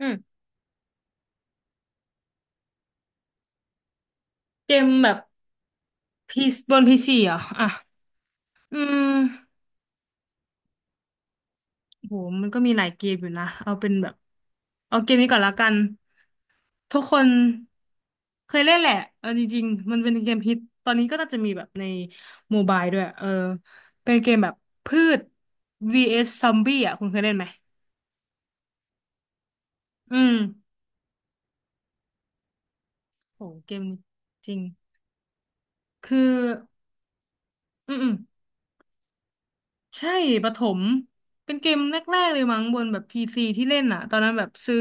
อืมเกมแบบพีบนพีซีเหรออ่ะอืมโหมันก็มีหลายเกมอยู่นะ เอาเป็นแบบเอาเกมนี้ก่อนละกัน ทุกคนเคยเล่นแหละเองจริงๆมันเป็นเกมฮิตตอนนี้ก็น่าจะมีแบบในโมบายด้วยเออเป็นเกมแบบพืช vs ซอมบี้อ่ะคุณเคยเล่นไหม อืมโหเกมนี้จริง คือ อืม ใช่ประถมเป็นเกมแรกๆเลยมั้งบนแบบพีซีที่เล่นอ่ะตอนนั้นแบบซื้อ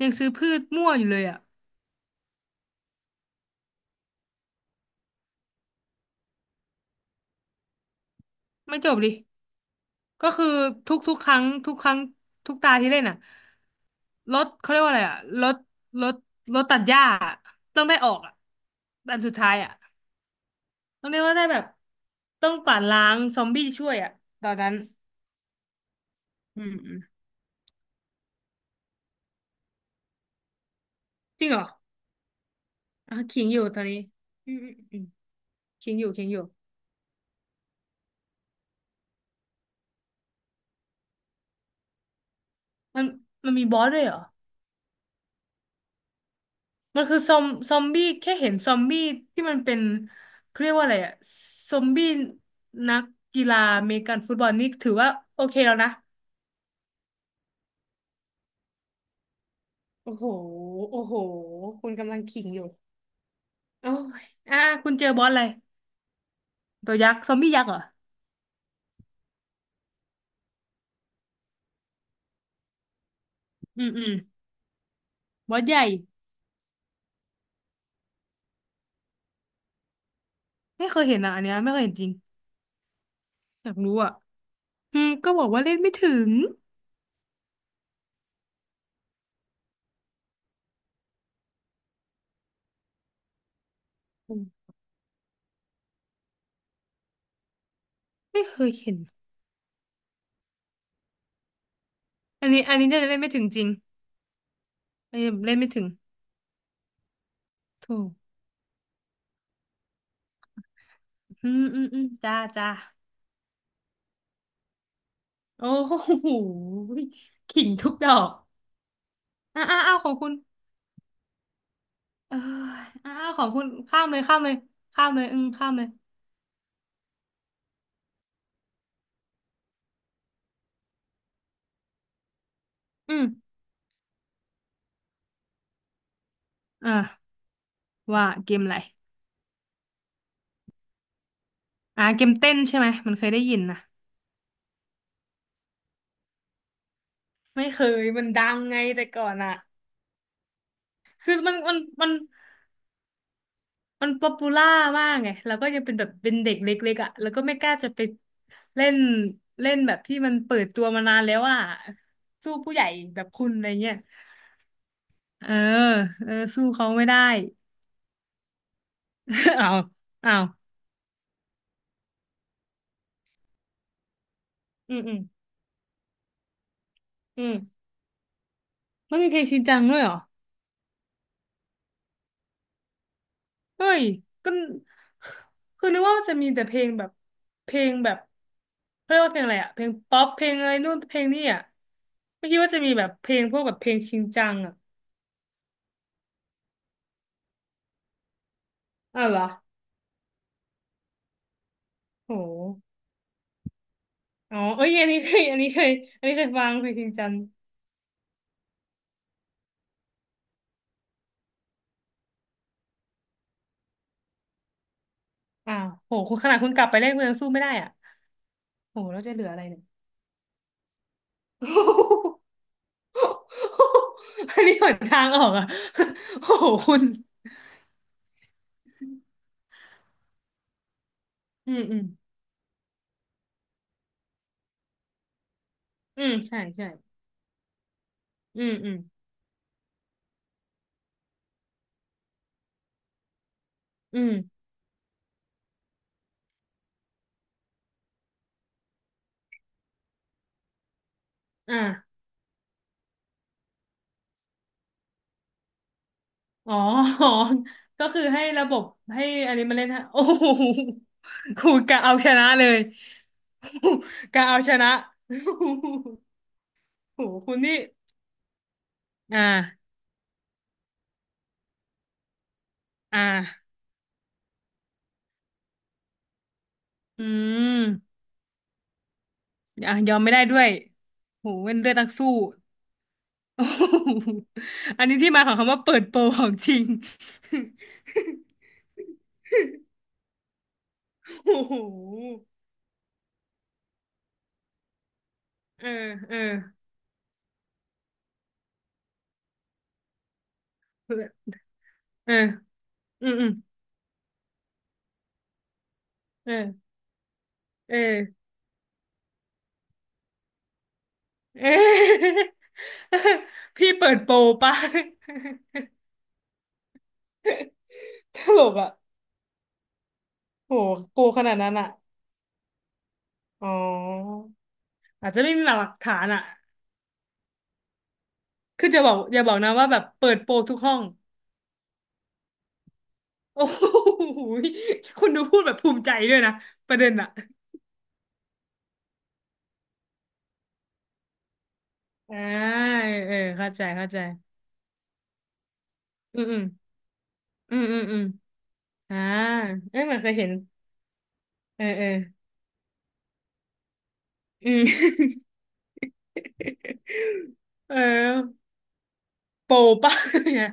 ยังซื้อพืชมั่วอยู่เลยอ่ะไม่จบดิก็คือทุกๆครั้งทุกตาที่เล่นอ่ะรถเขาเรียกว่าอะไรอ่ะรถรถตัดหญ้าอะต้องได้ออกอ่ะอันสุดท้ายอ่ะต้องเรียกว่าได้แบบต้องกวาดล้างซอมบี้ช่วยอ่ะตอนนั้นอืมจริงเหรออ่ะขิงอยู่ตอนนี้อืมขิงอยู่มันมันมีบอสด้วยเหรอ มันคือซอมบี้แค่เห็นซอมบี้ที่มันเป็นเขาเรียกว่าอะไรอะซอมบี้นักกีฬาอเมริกันฟุตบอลนี่ถือว่าโอเคแล้วนะโอ้โหโอ้โหคุณกำลังขิงอยู่โอ้ยอ่ะคุณเจอบอสอะไรตัวยักษ์ซอมบี้ยักษ์เหรออืมบอสใหญ่ไม่เคยเห็นอ่ะอันเนี้ยไม่เคยเห็นจริงอยากรู้อ่ะอืมก็บอกว่าเล่นไม่ถึงอืมไม่เคยเห็นอันนี้จะเล่นไม่ถึงจริงอันนี้เล่นไม่ถึงถูกอืมจ้าจ้า โอ้โหขิงทุกดอกอ้าอ้าอ้าของคุณเอออ้าอ้าของคุณข้ามเลยข้ามเลยข้ามเลยอืมข้ามเลยอืมอ่าว่าเกมอะไรอ่าเกมเต้นใช่ไหมมันเคยได้ยินนะไม่เคยมันดังไงแต่ก่อนอะคือมันมันป๊อปปูล่ามากไงแล้วก็ยังเป็นแบบเป็นเด็กเล็กๆอะแล้วก็ไม่กล้าจะไปเล่นเล่นแบบที่มันเปิดตัวมานานแล้วอะสู้ผู้ใหญ่แบบคุณอะไรเงี้ยเออเออสู้เขาไม่ได้ อ้าวอ้าวอืมอืมอืมแล้มีเพลงชินจังด้วยเหรอเฮ้ยก็คือนึกว่าจะมีแต่เพลงแบบเพลงแบบเขาเรียกว่าเพลงอะไรอะเพลงป๊อปเพลงอะไรนู่นเพลงนี่อะไม่คิดว่าจะมีแบบเพลงพวกแบบเพลงชินจังอะอ้าวเหรอโหอ๋อเอ้ยอันนี้เคยอันนี้เคยอันนี้เคยฟังเพลงชินจังอ้าวโหคุณขนาดคุณกลับไปเล่นคุณยังสู้ไม่ได้อะโหแล้วจะเหลืออะไรเนี่ย อันนี้หนทางออกอะ โหคุณอืมอืม ใช่ใช่อืมอืมอืมอ่าอ๋อ อ๋อก็คือให้ระบบให้อันนี้มาเล่นฮะ โอ้โหครูกะเอาชนะเลย กะเอาชนะ โอ้โหคุณนี่อ่าอ่าอืมอ่ะยอมไม่ได้ด้วยโหเป็นเลือดนักสู้ โอ้โหอันนี้ที่มาของคำว่าเปิดโปรของจริง โอ้โหเออเออเอออืมเออเออ เอ๊ะ พี่เปิดโปรปะ ตลกอ่ะโหกลัวขนาดนั้นอ่ะอ๋ออาจจะไม่มีหลักฐานอ่ะคือจะบอกอย่าบอกนะว่าแบบเปิดโปรทุกห้อง โอ้โหคุณดูพูดแบบภูมิใจด้วยนะประเด็นอ่ะอ่าเออเข้าใจเข้าใจอืมอืมอืมอ่าเอ้ยเหมันเคยเห็นเออเอออืม เออโปรปะ เนี่ย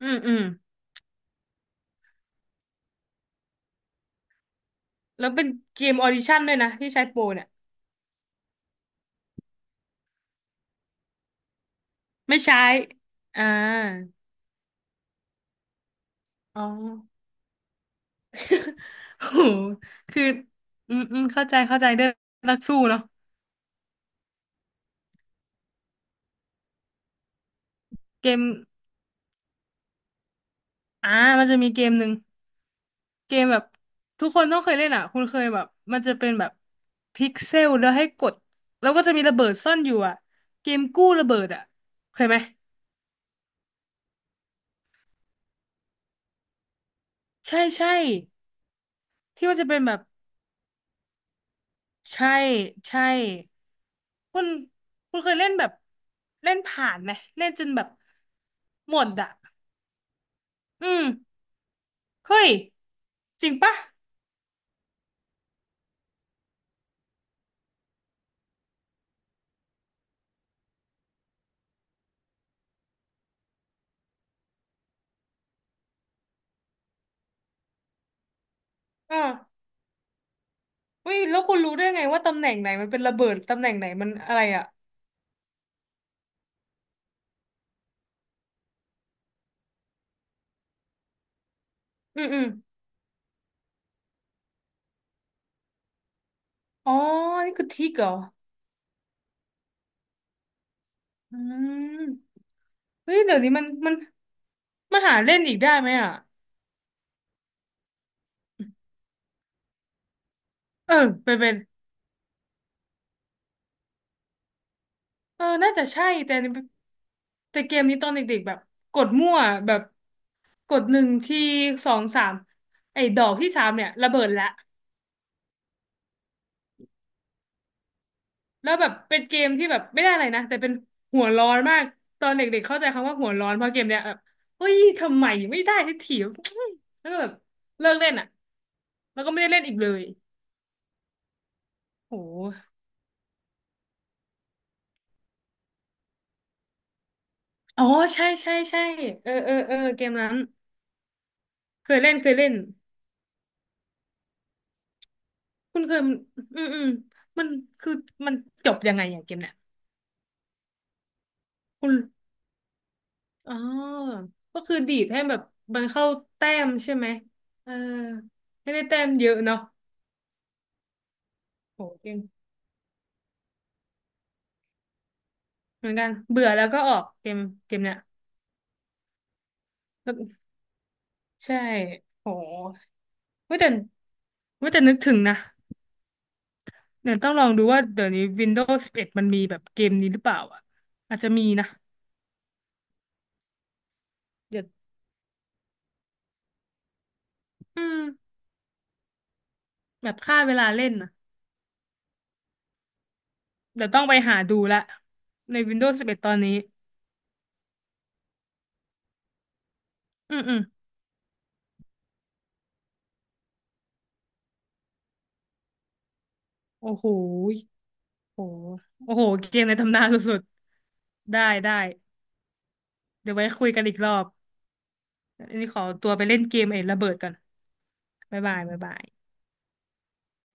อืม แล้วเป็นเกมออดิชั่นด้วยนะที่ใช้โปรเนี่ยไม่ใช้อ่าอ๋อโหคืออืมเข้าใจเข้าใจเรื่องนักสู้เนาะเกมอ่ามันจะมีเกมหนึ่งเกมแบบทุกคนต้องเคยเล่นอ่ะคุณเคยแบบมันจะเป็นแบบพิกเซลแล้วให้กดแล้วก็จะมีระเบิดซ่อนอยู่อ่ะเกมกู้ระเบิดอ่ะเคยไหมใช่ใช่ที่มันจะเป็นแบบใช่ใช่ คุณคุณเคยเล่นแบบเล่นผ่านไหมเล่นจนแบบหมดอ่ะอืมเฮ้ยจริงปะเอาอุ้ยแล้วคุณรู้ได้ไงว่าตำแหน่งไหนมันเป็นระเบิดตำแหน่งไหนมันอะไรอ่ะอืมอ๋อนี่คือทิกเหรออืมเฮ้ยเดี๋ยวนี้มันมันหาเล่นอีกได้ไหมอ่ะเออเป็นเป็นเออน่าจะใช่แต่แต่เกมนี้ตอนเด็กๆแบบกดมั่วแบบ กดหนึ่งทีสองสามไอ้ดอกที่สามเนี่ยระเบิดละแล้วแบบเป็นเกมที่แบบไม่ได้อะไรนะแต่เป็นหัวร้อนมากตอนเด็กๆเข้าใจคำว่าหัวร้อนเพราะเกมเนี้ยแบบเฮ้ยทำไมไม่ได้สักทีวะ แล้วก็แบบเลิกเล่นอ่ะแล้วก็ไม่ได้เล่นอีกเลยโหอ๋อใช่ใช่ใช่เออเออเออเกมนั้นเคยเล่นเคยเล่นคุณเคยอืมมันคือมันจบยังไงอย่างเกมเนี่ยคุณ อ๋อก็คือดีดให้แบบมันเข้าแต้มใช่ไหมเออไม่ได้แต้มเยอะเนาะโหเก่งเหมือนกัน เบื่อแล้วก็ออกเกมเกมเนี้ยใช่โหไม่าแต่ไม่าแต่นึกถึงนะเดี๋ยวต้องลองดูว่าเดี๋ยวนี้ Windows 11มันมีแบบเกมนี้หรือเปล่าอ่ะอาจจะมีนะ เดี๋ยวอืมแบบฆ่าเวลาเล่นนะเดี๋ยวต้องไปหาดูละใน Windows 11ตอนนี้อืมโอ้โห โอ้โหโอ้โห เกมในตำนานสุดๆได้ได้ เดี๋ยวไว้คุยกันอีกรอบอันนี้ขอตัวไปเล่นเกมไอ้ระเบิดก่อนบ๊ายบายบ๊ายบาย